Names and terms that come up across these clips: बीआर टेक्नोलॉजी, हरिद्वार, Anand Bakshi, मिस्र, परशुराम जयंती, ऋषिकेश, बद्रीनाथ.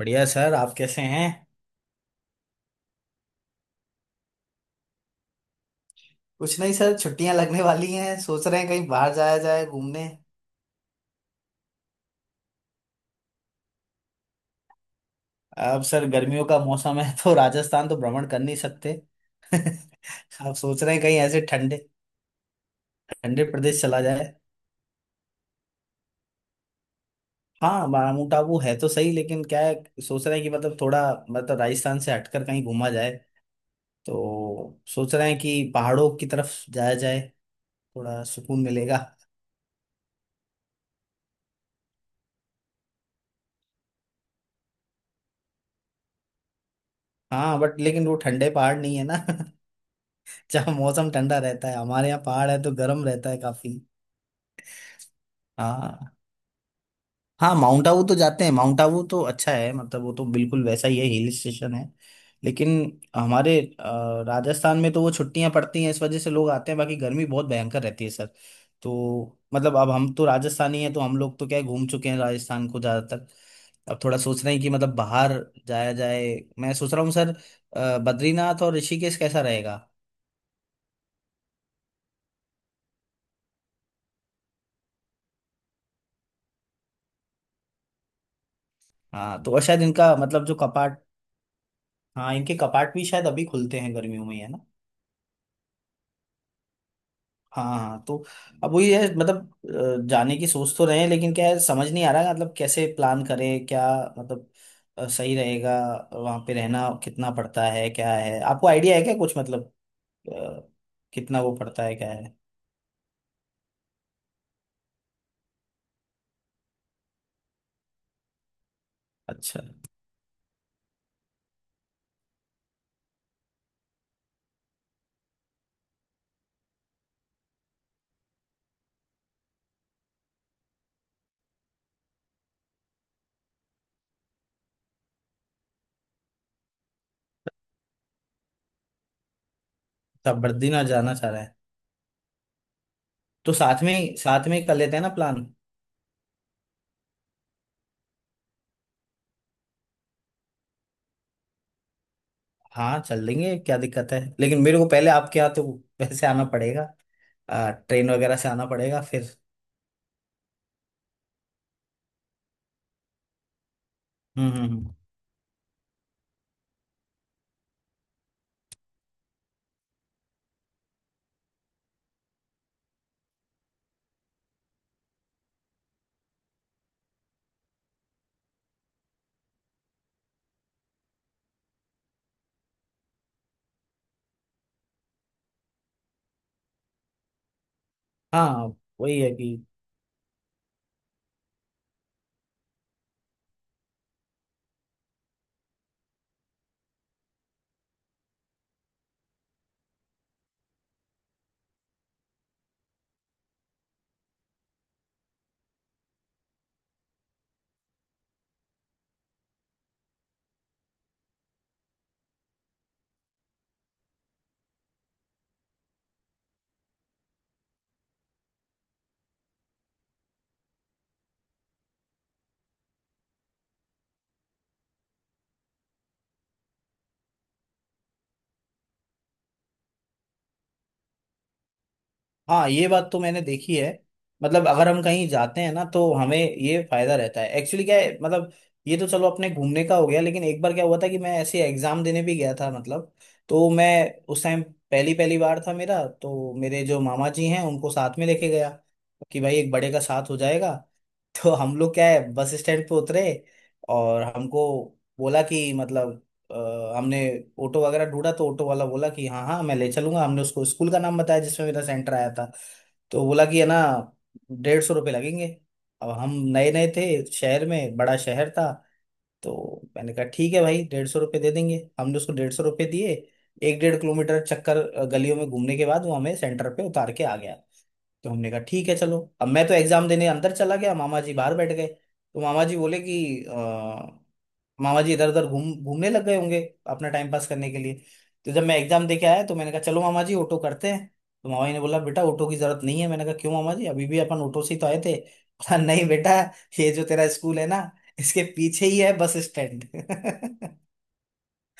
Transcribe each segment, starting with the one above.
बढ़िया सर। आप कैसे हैं? कुछ नहीं सर, छुट्टियां लगने वाली हैं, सोच रहे हैं कहीं बाहर जाया जाए घूमने। अब सर गर्मियों का मौसम है तो राजस्थान तो भ्रमण कर नहीं सकते। आप सोच रहे हैं कहीं ऐसे ठंडे ठंडे प्रदेश चला जाए। हाँ माउंट टाबू है तो सही, लेकिन क्या है, सोच रहे हैं कि मतलब थोड़ा मतलब राजस्थान से हटकर कहीं घूमा जाए। तो सोच रहे हैं कि पहाड़ों की तरफ जाया जाए, थोड़ा सुकून मिलेगा। हाँ बट लेकिन वो ठंडे पहाड़ नहीं है ना। जहाँ मौसम ठंडा रहता है, हमारे यहाँ पहाड़ है तो गर्म रहता है काफी। हाँ। हाँ माउंट आबू तो जाते हैं, माउंट आबू तो अच्छा है, मतलब वो तो बिल्कुल वैसा ही है, हिल स्टेशन है। लेकिन हमारे राजस्थान में तो वो छुट्टियां पड़ती हैं इस वजह से लोग आते हैं, बाकी गर्मी बहुत भयंकर रहती है सर। तो मतलब अब हम तो राजस्थानी हैं तो हम लोग तो क्या है घूम चुके हैं राजस्थान को ज़्यादातर। अब थोड़ा सोच रहे हैं कि मतलब बाहर जाया जाए। मैं सोच रहा हूँ सर बद्रीनाथ और ऋषिकेश कैसा रहेगा। हाँ तो और शायद इनका मतलब जो कपाट, हाँ इनके कपाट भी शायद अभी खुलते हैं गर्मियों में ही, है ना। हाँ हाँ, तो अब वही है मतलब जाने की सोच तो रहे हैं, लेकिन क्या है समझ नहीं आ रहा है, मतलब कैसे प्लान करें क्या, मतलब सही रहेगा। वहाँ पे रहना कितना पड़ता है, क्या है आपको आइडिया है क्या कुछ, मतलब अ, कितना वो पड़ता है क्या है। अच्छा, तब बद्रीनाथ जाना चाह रहा है। तो साथ में कर लेते हैं ना प्लान। हाँ चल लेंगे, क्या दिक्कत है, लेकिन मेरे को पहले आपके यहाँ तो वैसे आना पड़ेगा, ट्रेन वगैरह से आना पड़ेगा फिर। हम्म हम्म हम्म। हाँ वही है कि, हाँ ये बात तो मैंने देखी है। मतलब अगर हम कहीं जाते हैं ना तो हमें ये फायदा रहता है एक्चुअली, क्या है मतलब। ये तो चलो अपने घूमने का हो गया, लेकिन एक बार क्या हुआ था कि मैं ऐसे एग्जाम देने भी गया था मतलब, तो मैं उस टाइम पहली पहली बार था मेरा, तो मेरे जो मामा जी हैं उनको साथ में लेके गया, कि भाई एक बड़े का साथ हो जाएगा। तो हम लोग क्या है बस स्टैंड पे उतरे और हमको बोला कि मतलब हमने ऑटो वगैरह ढूंढा तो ऑटो वाला बोला कि हाँ हाँ मैं ले चलूंगा, हमने उसको स्कूल का नाम बताया जिसमें मेरा सेंटर आया था। तो बोला कि है ना 150 रुपये लगेंगे। अब हम नए नए थे, शहर में बड़ा शहर था। तो मैंने कहा ठीक है भाई 150 रुपये दे देंगे, हमने उसको 150 रुपये दिए। 1-1.5 किलोमीटर चक्कर गलियों में घूमने के बाद वो हमें सेंटर पे उतार के आ गया। तो हमने कहा ठीक है चलो, अब मैं तो एग्जाम देने अंदर चला गया, मामा जी बाहर बैठ गए। तो मामा जी बोले कि मामा जी इधर उधर घूम घूमने लग गए होंगे अपना टाइम पास करने के लिए। तो जब मैं एग्जाम दे के आया तो मैंने कहा चलो मामा जी ऑटो करते हैं। तो मामा जी ने बोला बेटा ऑटो की जरूरत नहीं है, मैंने कहा क्यों मामा जी अभी भी अपन ऑटो से ही तो आए थे। बोला नहीं बेटा, ये जो तेरा स्कूल है ना इसके पीछे ही है बस स्टैंड।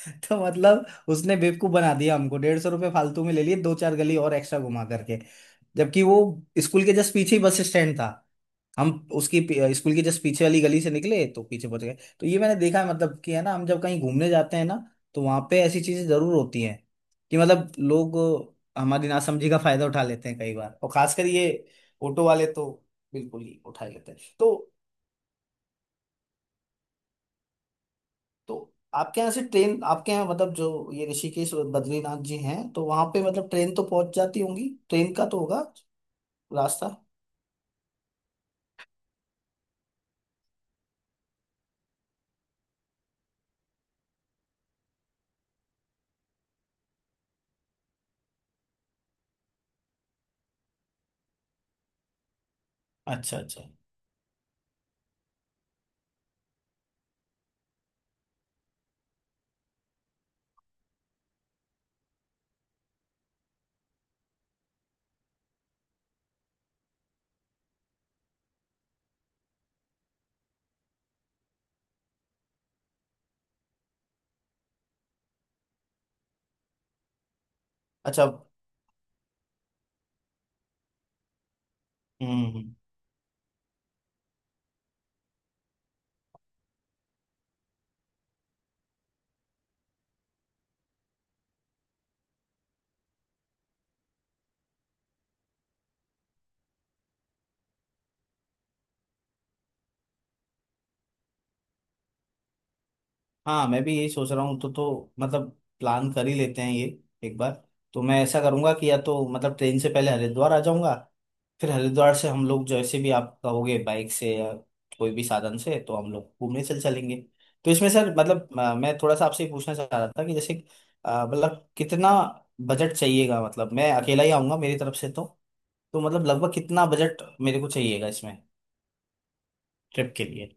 तो मतलब उसने बेवकूफ बना दिया हमको, 150 रुपये फालतू में ले लिए, दो चार गली और एक्स्ट्रा घुमा करके। जबकि वो स्कूल के जस्ट पीछे ही बस स्टैंड था। हम स्कूल के जस्ट पीछे वाली गली से निकले तो पीछे पहुंच गए। तो ये मैंने देखा है मतलब, कि है ना हम जब कहीं घूमने जाते हैं ना तो वहां पे ऐसी चीजें जरूर होती हैं कि मतलब लोग हमारी नासमझी का फायदा उठा लेते हैं कई बार, और खासकर ये ऑटो वाले तो बिल्कुल ही उठा ही लेते हैं तो। तो आपके यहाँ से ट्रेन, आपके यहाँ मतलब जो ये ऋषिकेश और बद्रीनाथ जी हैं तो वहां पे मतलब ट्रेन तो पहुंच जाती होंगी, ट्रेन का तो होगा रास्ता। अच्छा अच्छा। अच्छा हम्म। हाँ मैं भी यही सोच रहा हूँ, तो मतलब प्लान कर ही लेते हैं ये एक बार। तो मैं ऐसा करूंगा कि या तो मतलब ट्रेन से पहले हरिद्वार आ जाऊंगा, फिर हरिद्वार से हम लोग जैसे भी आप कहोगे, बाइक से या कोई भी साधन से, तो हम लोग घूमने चल चलेंगे। तो इसमें सर मतलब मैं थोड़ा सा आपसे ये पूछना चाह रहा था कि जैसे मतलब कितना बजट चाहिएगा, मतलब मैं अकेला ही आऊंगा मेरी तरफ से तो मतलब लगभग कितना बजट मेरे को चाहिएगा इसमें, ट्रिप के लिए।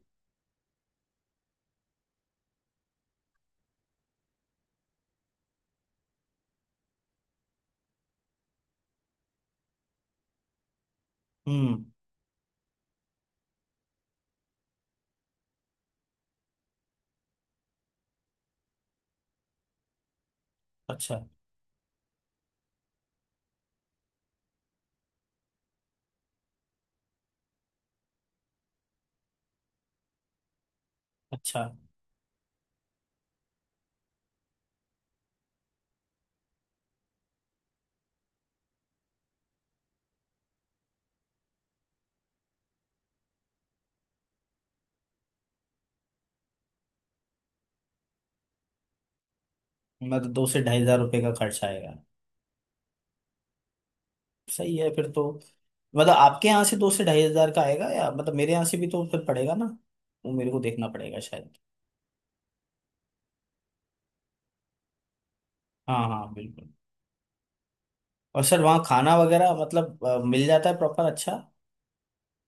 हम्म। अच्छा। अच्छा। मतलब 2000 से 2500 रुपये का खर्चा आएगा। सही है फिर तो। मतलब आपके यहाँ से 2000 से 2500 का आएगा, या मतलब मेरे यहाँ से भी तो फिर पड़ेगा ना, वो मेरे को देखना पड़ेगा शायद। हाँ हाँ बिल्कुल। और सर वहाँ खाना वगैरह मतलब मिल जाता है प्रॉपर अच्छा,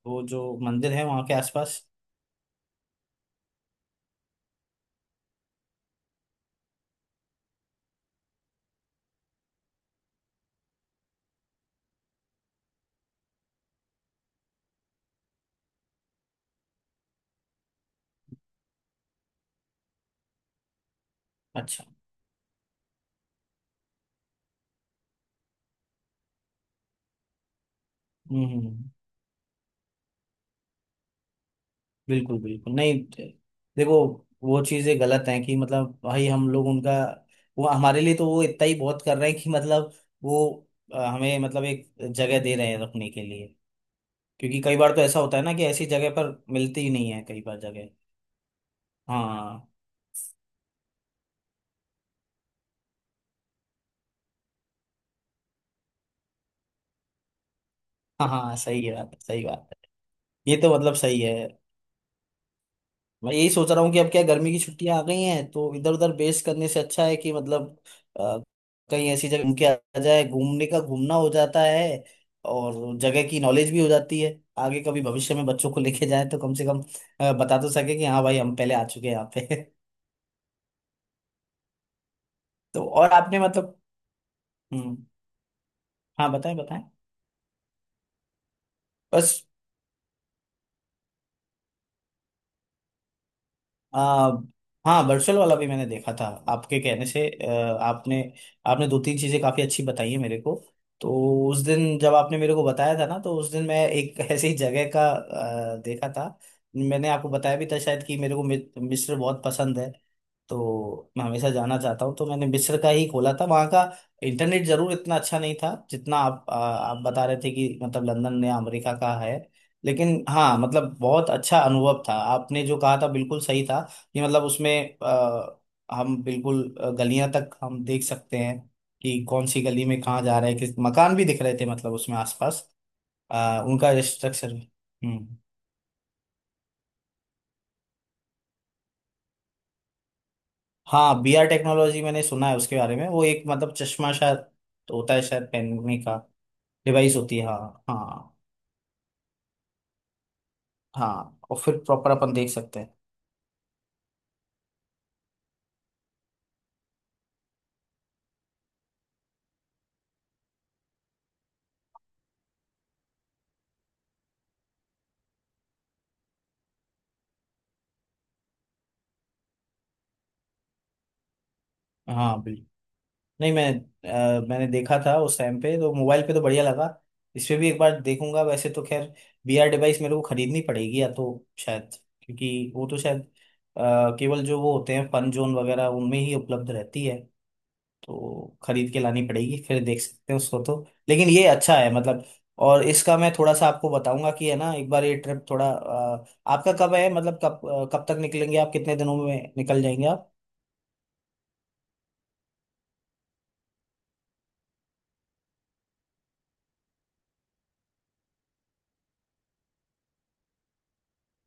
वो जो मंदिर है वहाँ के आसपास? अच्छा। हम्म हम्म, हम्म। बिल्कुल बिल्कुल। नहीं दे- देखो, वो चीजें गलत हैं कि मतलब भाई हम लोग उनका, वो हमारे लिए तो वो इतना ही बहुत कर रहे हैं कि मतलब वो हमें मतलब एक जगह दे रहे हैं रखने के लिए। क्योंकि कई बार तो ऐसा होता है ना कि ऐसी जगह पर मिलती ही नहीं है कई बार जगह। हाँ। हाँ हाँ सही है बात, सही बात है। ये तो मतलब सही है। मैं यही सोच रहा हूँ कि अब क्या गर्मी की छुट्टियां आ गई हैं तो इधर उधर बेस करने से अच्छा है कि मतलब अ, कहीं ऐसी जगह घूम के आ जाए, घूमने का घूमना हो जाता है और जगह की नॉलेज भी हो जाती है। आगे कभी भविष्य में बच्चों को लेके जाए तो कम से कम बता तो सके कि हाँ भाई हम पहले आ चुके हैं यहाँ पे। तो और आपने मतलब, हम्म, हाँ बताएं बताएं। बस आ, हाँ वर्चुअल वाला भी मैंने देखा था आपके कहने से। आपने आपने 2-3 चीजें काफी अच्छी बताई है मेरे को। तो उस दिन जब आपने मेरे को बताया था ना तो उस दिन मैं एक ऐसी ही जगह का देखा था। मैंने आपको बताया भी था शायद कि मेरे को मिस्र बहुत पसंद है, तो मैं हमेशा जाना चाहता हूँ, तो मैंने मिस्र का ही खोला था वहाँ का। इंटरनेट जरूर इतना अच्छा नहीं था जितना आप बता रहे थे कि मतलब लंदन या अमेरिका का है। लेकिन हाँ मतलब बहुत अच्छा अनुभव था, आपने जो कहा था बिल्कुल सही था कि मतलब उसमें हम बिल्कुल गलियां तक हम देख सकते हैं कि कौन सी गली में कहाँ जा रहे हैं, किस मकान भी दिख रहे थे मतलब उसमें आसपास उनका स्ट्रक्चर। हम्म। हाँ बीआर टेक्नोलॉजी मैंने सुना है उसके बारे में, वो एक मतलब चश्मा शायद होता है, शायद पहनने का। डिवाइस होती है, हाँ हाँ। हाँ और फिर प्रॉपर अपन देख सकते हैं। हाँ। नहीं मैं मैंने देखा था उस टाइम पे तो मोबाइल पे तो बढ़िया लगा, इस पे भी एक बार देखूंगा वैसे तो खैर। बीआर डिवाइस मेरे को खरीदनी पड़ेगी या तो, शायद, क्योंकि वो तो शायद केवल जो वो होते हैं फन जोन वगैरह उनमें ही उपलब्ध रहती है, तो खरीद के लानी पड़ेगी फिर देख सकते हैं उसको तो। लेकिन ये अच्छा है मतलब। और इसका मैं थोड़ा सा आपको बताऊंगा कि है ना एक बार ये ट्रिप, थोड़ा आपका कब है मतलब कब कब तक निकलेंगे आप, कितने दिनों में निकल जाएंगे?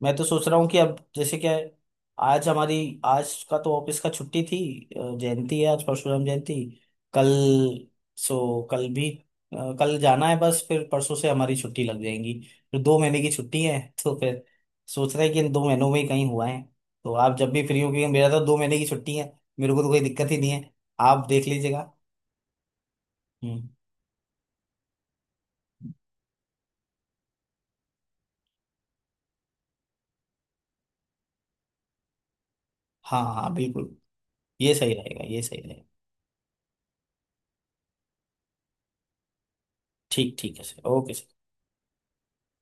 मैं तो सोच रहा हूँ कि अब जैसे क्या है, आज हमारी, आज का तो ऑफिस का छुट्टी थी, जयंती है आज, परशुराम जयंती। कल, सो कल भी कल जाना है बस, फिर परसों से हमारी छुट्टी लग जाएंगी, फिर दो महीने की छुट्टी है। तो फिर सोच रहे हैं कि इन 2 महीनों में ही कहीं हुआ है, तो आप जब भी फ्री हो, क्योंकि मेरा तो 2 महीने की छुट्टी है, मेरे को तो कोई दिक्कत ही नहीं है, आप देख लीजिएगा। हम्म। हाँ हाँ बिल्कुल, ये सही रहेगा ये सही रहेगा। ठीक ठीक है सर, ओके सर।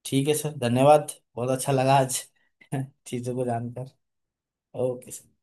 ठीक है सर, धन्यवाद, बहुत अच्छा लगा आज चीज़ों को जानकर। Okay sir.